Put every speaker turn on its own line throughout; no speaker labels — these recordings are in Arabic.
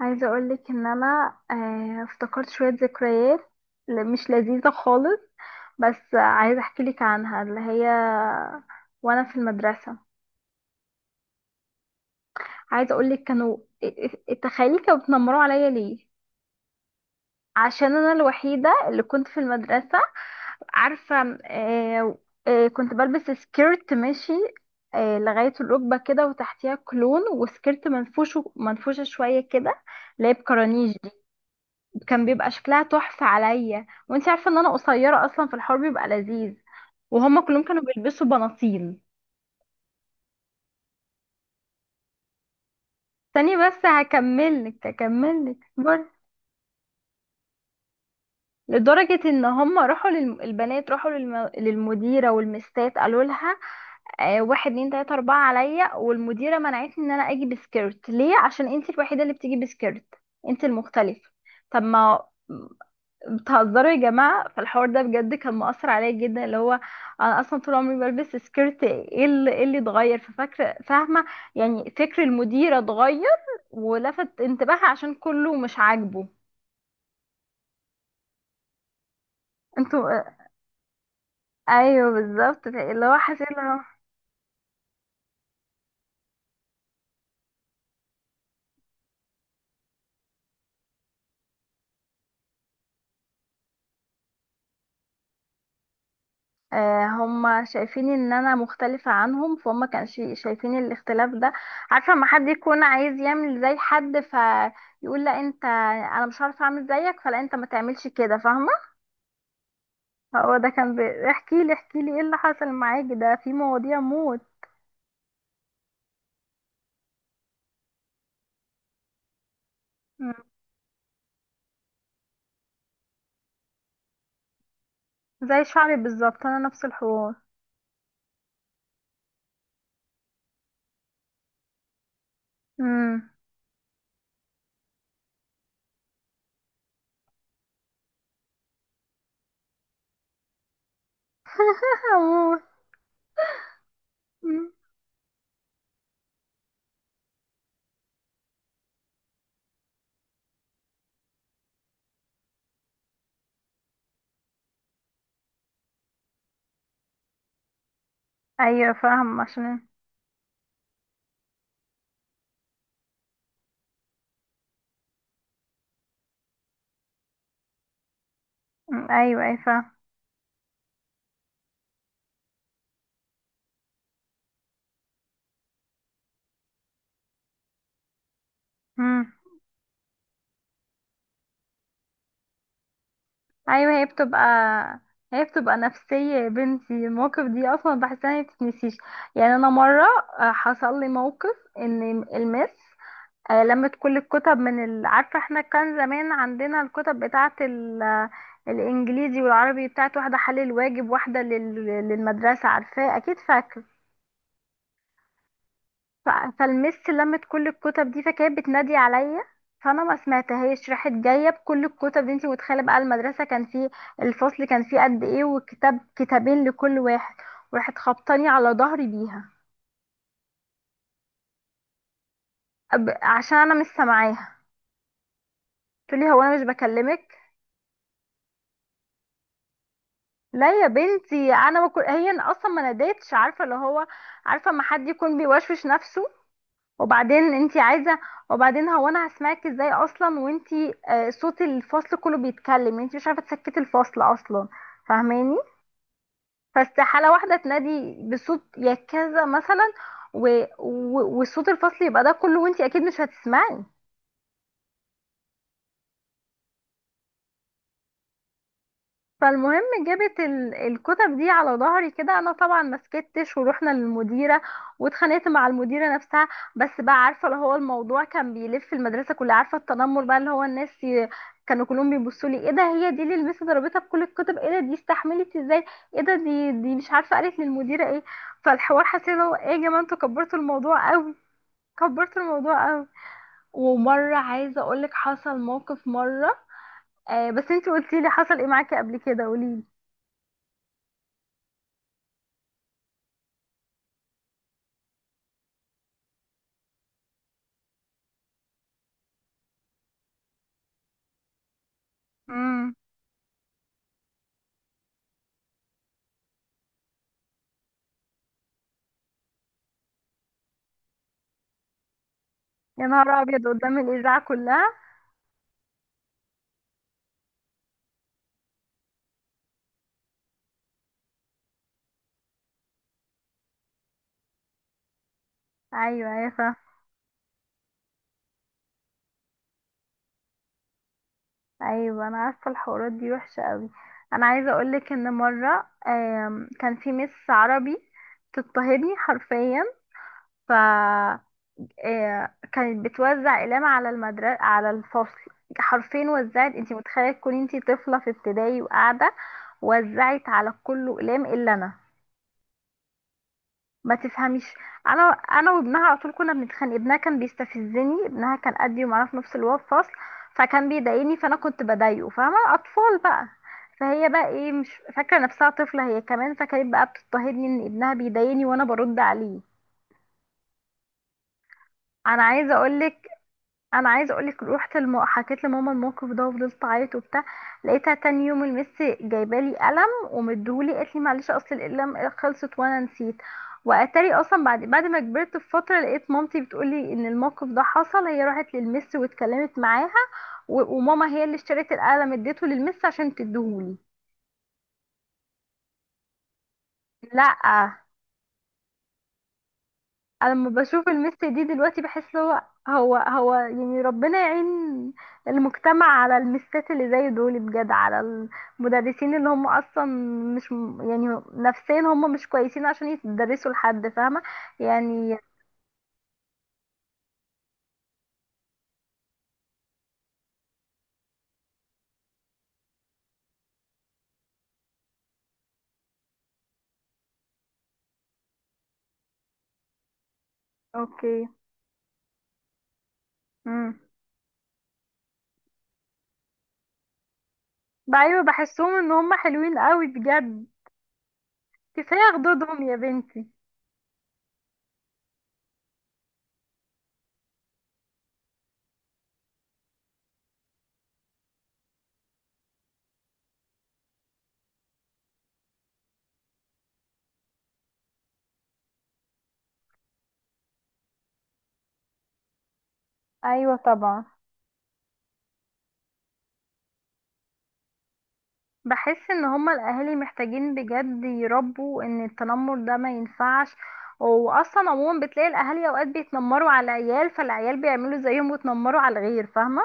عايزة اقولك ان انا افتكرت شوية ذكريات مش لذيذة خالص. بس عايزة احكي لك عنها، اللي هي وانا في المدرسة. عايزة اقولك كانوا، ا- تخيلي كانوا بيتنمروا عليا. ليه؟ عشان انا الوحيدة اللي كنت في المدرسة، عارفة، كنت بلبس سكيرت ماشي، لغاية الركبة كده، وتحتيها كلون، وسكيرت منفوشة شوية كده، اللي هي بكرانيج. كان بيبقى شكلها تحفة عليا، وانت عارفة ان انا قصيرة اصلا، في الحوار بيبقى لذيذ. وهما كلهم كانوا بيلبسوا بناطيل. ثانية بس، هكملك اصبر. لدرجة ان هما البنات راحوا للمديرة والمستات قالوا لها آه واحد اتنين تلاتة اربعة عليا، والمديرة منعتني ان انا اجي بسكيرت. ليه؟ عشان انت الوحيدة اللي بتيجي بسكيرت، انت المختلفة. طب ما بتهزروا يا جماعة، فالحوار ده بجد كان مؤثر عليا جدا، اللي هو انا اصلا طول عمري بلبس سكيرت، ايه اللي إيه اللي اتغير؟ ففاكرة، فاهمة يعني، فكر المديرة اتغير ولفت انتباهها عشان كله مش عاجبه. انتوا، ايوه بالظبط، اللي هو حسيت اللي هو هم شايفين ان انا مختلفة عنهم، فهم كانوا شايفين الاختلاف ده. عارفة لما حد يكون عايز يعمل زي حد، فيقول لا انت، انا مش عارفة اعمل زيك، فلا انت ما تعملش كده، فاهمة. هو ده كان بي... احكي لي احكي لي ايه اللي حصل معاك، ده في مواضيع موت. مم. زي شعري بالظبط، انا نفس الحوار. امم. اموت. مم. ايوه فاهم عشان. مم. ايوه ايوه فاهم. مم. ايوه، هي بتبقى، هي بتبقى نفسية يا بنتي، المواقف دي اصلا بحسها ما بتتنسيش. يعني انا مرة، حصل لي موقف ان المس، لمت كل الكتب عارفة احنا كان زمان عندنا الكتب الإنجليزي والعربي، بتاعت واحدة حل الواجب، واحدة للمدرسة، عارفاه أكيد فاكر. ف... فالمس لمت كل الكتب دي، فكانت بتنادي عليا، فأنا ما سمعتهاش، راحت جاية بكل الكتب دي. انتي متخيلة بقى، المدرسة كان فيه، الفصل كان فيه قد ايه؟ وكتاب كتابين لكل واحد، وراحت خبطاني على ظهري بيها. عشان أنا مش سامعاها، قلت لي هو أنا مش بكلمك؟ لا يا بنتي، انا ما كن... هي أنا اصلا ما ناديتش، عارفه اللي هو، عارفه ما حد يكون بيوشوش نفسه؟ وبعدين انتي عايزه، وبعدين هو انا هسمعك ازاي اصلا وانتي آه صوت الفصل كله بيتكلم، انتي مش عارفه تسكتي الفصل اصلا، فاهماني؟ فاستحاله واحده تنادي بصوت يا كذا مثلا، وصوت الفصل يبقى ده كله، وانتي اكيد مش هتسمعي. فالمهم جابت الكتب دي على ظهري كده، انا طبعا ما سكتش، ورحنا للمديره، واتخانقت مع المديره نفسها. بس بقى، عارفه اللي هو الموضوع كان بيلف المدرسه كلها، عارفه؟ التنمر بقى، اللي هو كانوا كلهم بيبصوا لي، ايه ده، هي دي اللي المس ضربتها بكل الكتب؟ ايه ده، دي استحملت ازاي؟ ايه ده، دي مش عارفه قالت للمديره ايه. فالحوار حسيت اللي هو ايه يا جماعه، انتوا كبرتوا الموضوع قوي، كبرتوا الموضوع قوي. ومره عايزه اقولك حصل موقف مره، آه بس انتي قلتيلي حصل ايه معاكي قبل كده، قوليلي. مم. يا نهار ابيض، قدام الاذاعه كلها! ايوه ايوه فا-. ايوه انا عارفه، الحوارات دي وحشه قوي. انا عايزه اقولك ان مره، كان في مس عربي بتضطهدني حرفيا. ف كانت بتوزع اقلام على المدرسه، على الفصل حرفيا، وزعت، انتي متخيله تكوني انتي طفله في ابتدائي وقاعده، وزعت على كله اقلام الا انا. ما تفهميش. انا، انا وابنها على طول كنا بنتخانق، ابنها كان بيستفزني، ابنها كان قدي ومعانا في نفس الفصل، فكان بيضايقني فانا كنت بضايقه، فاهمه؟ اطفال بقى. فهي بقى ايه، مش فاكره نفسها طفله هي كمان، فكانت بقى بتضطهدني ان ابنها بيضايقني وانا برد عليه. انا عايزه اقولك انا عايزه اقولك، روحت حكيت لماما الموقف ده، وفضلت اعيط وبتاع. لقيتها تاني يوم المس جايبالي قلم ومديهولي، قالت لي معلش اصل القلم خلصت وانا نسيت. واتاري اصلا بعد ما كبرت بفتره، لقيت مامتي بتقولي ان الموقف ده حصل، هي راحت للمس واتكلمت معاها، وماما هي اللي اشترت القلم، اديته للمس عشان تديهولي. لا. انا لما بشوف المس دي دلوقتي بحس هو، هو يعني ربنا يعين المجتمع على المسات اللي زي دول، بجد، على المدرسين اللي هم اصلا مش م- يعني نفسيا هم مش كويسين عشان يدرسوا لحد، فاهمة يعني. اوكي. امم. ايوه بحسهم ان هم حلوين قوي بجد، كفاية خدودهم يا بنتي. ايوه طبعا. بحس ان هما الاهالي محتاجين بجد يربوا ان التنمر ده ما ينفعش، واصلا عموما بتلاقي الاهالي اوقات بيتنمروا على العيال، فالعيال بيعملوا زيهم ويتنمروا على الغير، فاهمه.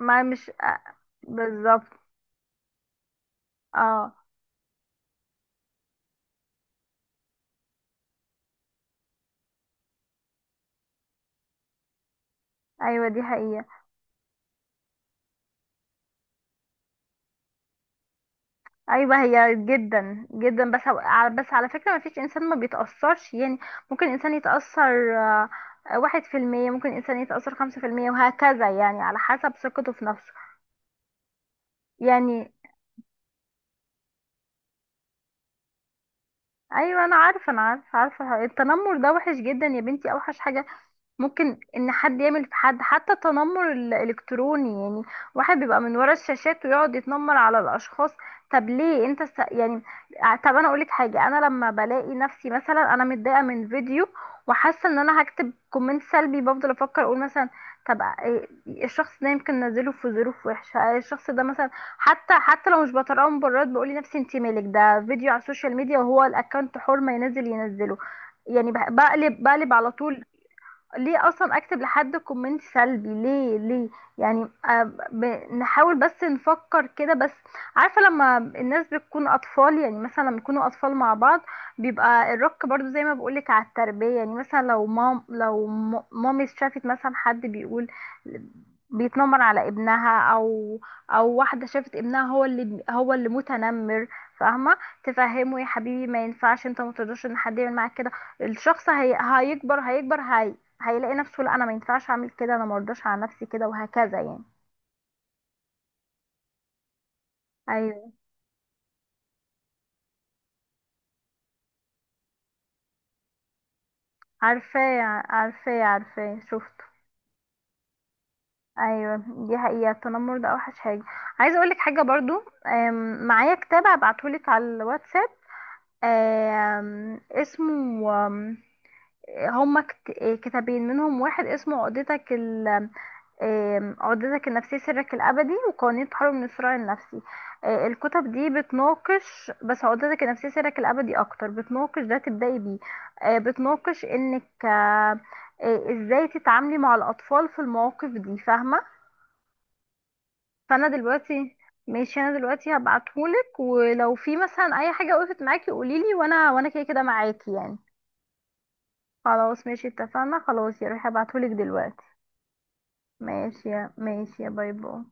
ما مش آه، بالظبط. اه. ايوه دي حقيقه. ايوه هي جدا جدا، بس بس على فكره، ما فيش انسان ما بيتاثرش يعني، ممكن انسان يتاثر 1%، ممكن انسان يتاثر 5% وهكذا، يعني على حسب ثقته في نفسه يعني. ايوه انا عارفه، انا عارفه التنمر ده وحش جدا يا بنتي، اوحش حاجه. ممكن ان حد يعمل في حد حتى التنمر الالكتروني يعني، واحد بيبقى من ورا الشاشات ويقعد يتنمر على الاشخاص. طب ليه انت يعني، طب انا اقولك حاجه، انا لما بلاقي نفسي مثلا انا متضايقه من فيديو وحاسه ان انا هكتب كومنت سلبي، بفضل افكر اقول مثلا، الشخص ده يمكن نزله في ظروف وحشه، الشخص ده مثلا، حتى حتى لو مش بطلعه مبررات، بقول لنفسي انت مالك، ده فيديو على السوشيال ميديا، وهو الاكونت حر، ما ينزل ينزله يعني. بقلب على طول. ليه اصلا اكتب لحد كومنت سلبي؟ ليه، ليه يعني؟ نحاول بس نفكر كده بس. عارفه لما الناس بتكون اطفال، يعني مثلا لما يكونوا اطفال مع بعض، بيبقى الرك برضو زي ما بقولك على التربيه، يعني مثلا لو مامي شافت مثلا حد بيقول بيتنمر على ابنها، او او واحده شافت ابنها هو اللي متنمر، فاهمه، تفهمه يا حبيبي ما ينفعش، انت ما تقدرش ان حد يعمل معاك كده. الشخص هيكبر، هيلاقي نفسه، لا انا ما ينفعش اعمل كده، انا ما ارضاش على نفسي كده، وهكذا يعني. ايوه، عارفاه عارفاه، شفته. ايوه دي حقيقه، التنمر ده اوحش حاجه. عايزه اقول لك حاجه برضو. معايا كتاب هبعتهولك على الواتساب، اسمه، آم، هما كتابين، منهم واحد اسمه عقدتك، عقدتك النفسية سرك الأبدي، وقوانين تحرر من الصراع النفسي. الكتب دي بتناقش، بس عقدتك النفسية سرك الأبدي أكتر بتناقش ده، تبدأي بيه. بتناقش إنك إزاي تتعاملي مع الأطفال في المواقف دي، فاهمة. فأنا دلوقتي، ماشي، أنا دلوقتي هبعتهولك، ولو في مثلا أي حاجة وقفت معاكي قوليلي، وأنا كده كده معاكي يعني. خلاص ماشي، اتفقنا، خلاص يا روحي هبعتهولك دلوقتي. ماشي، يا باي باي.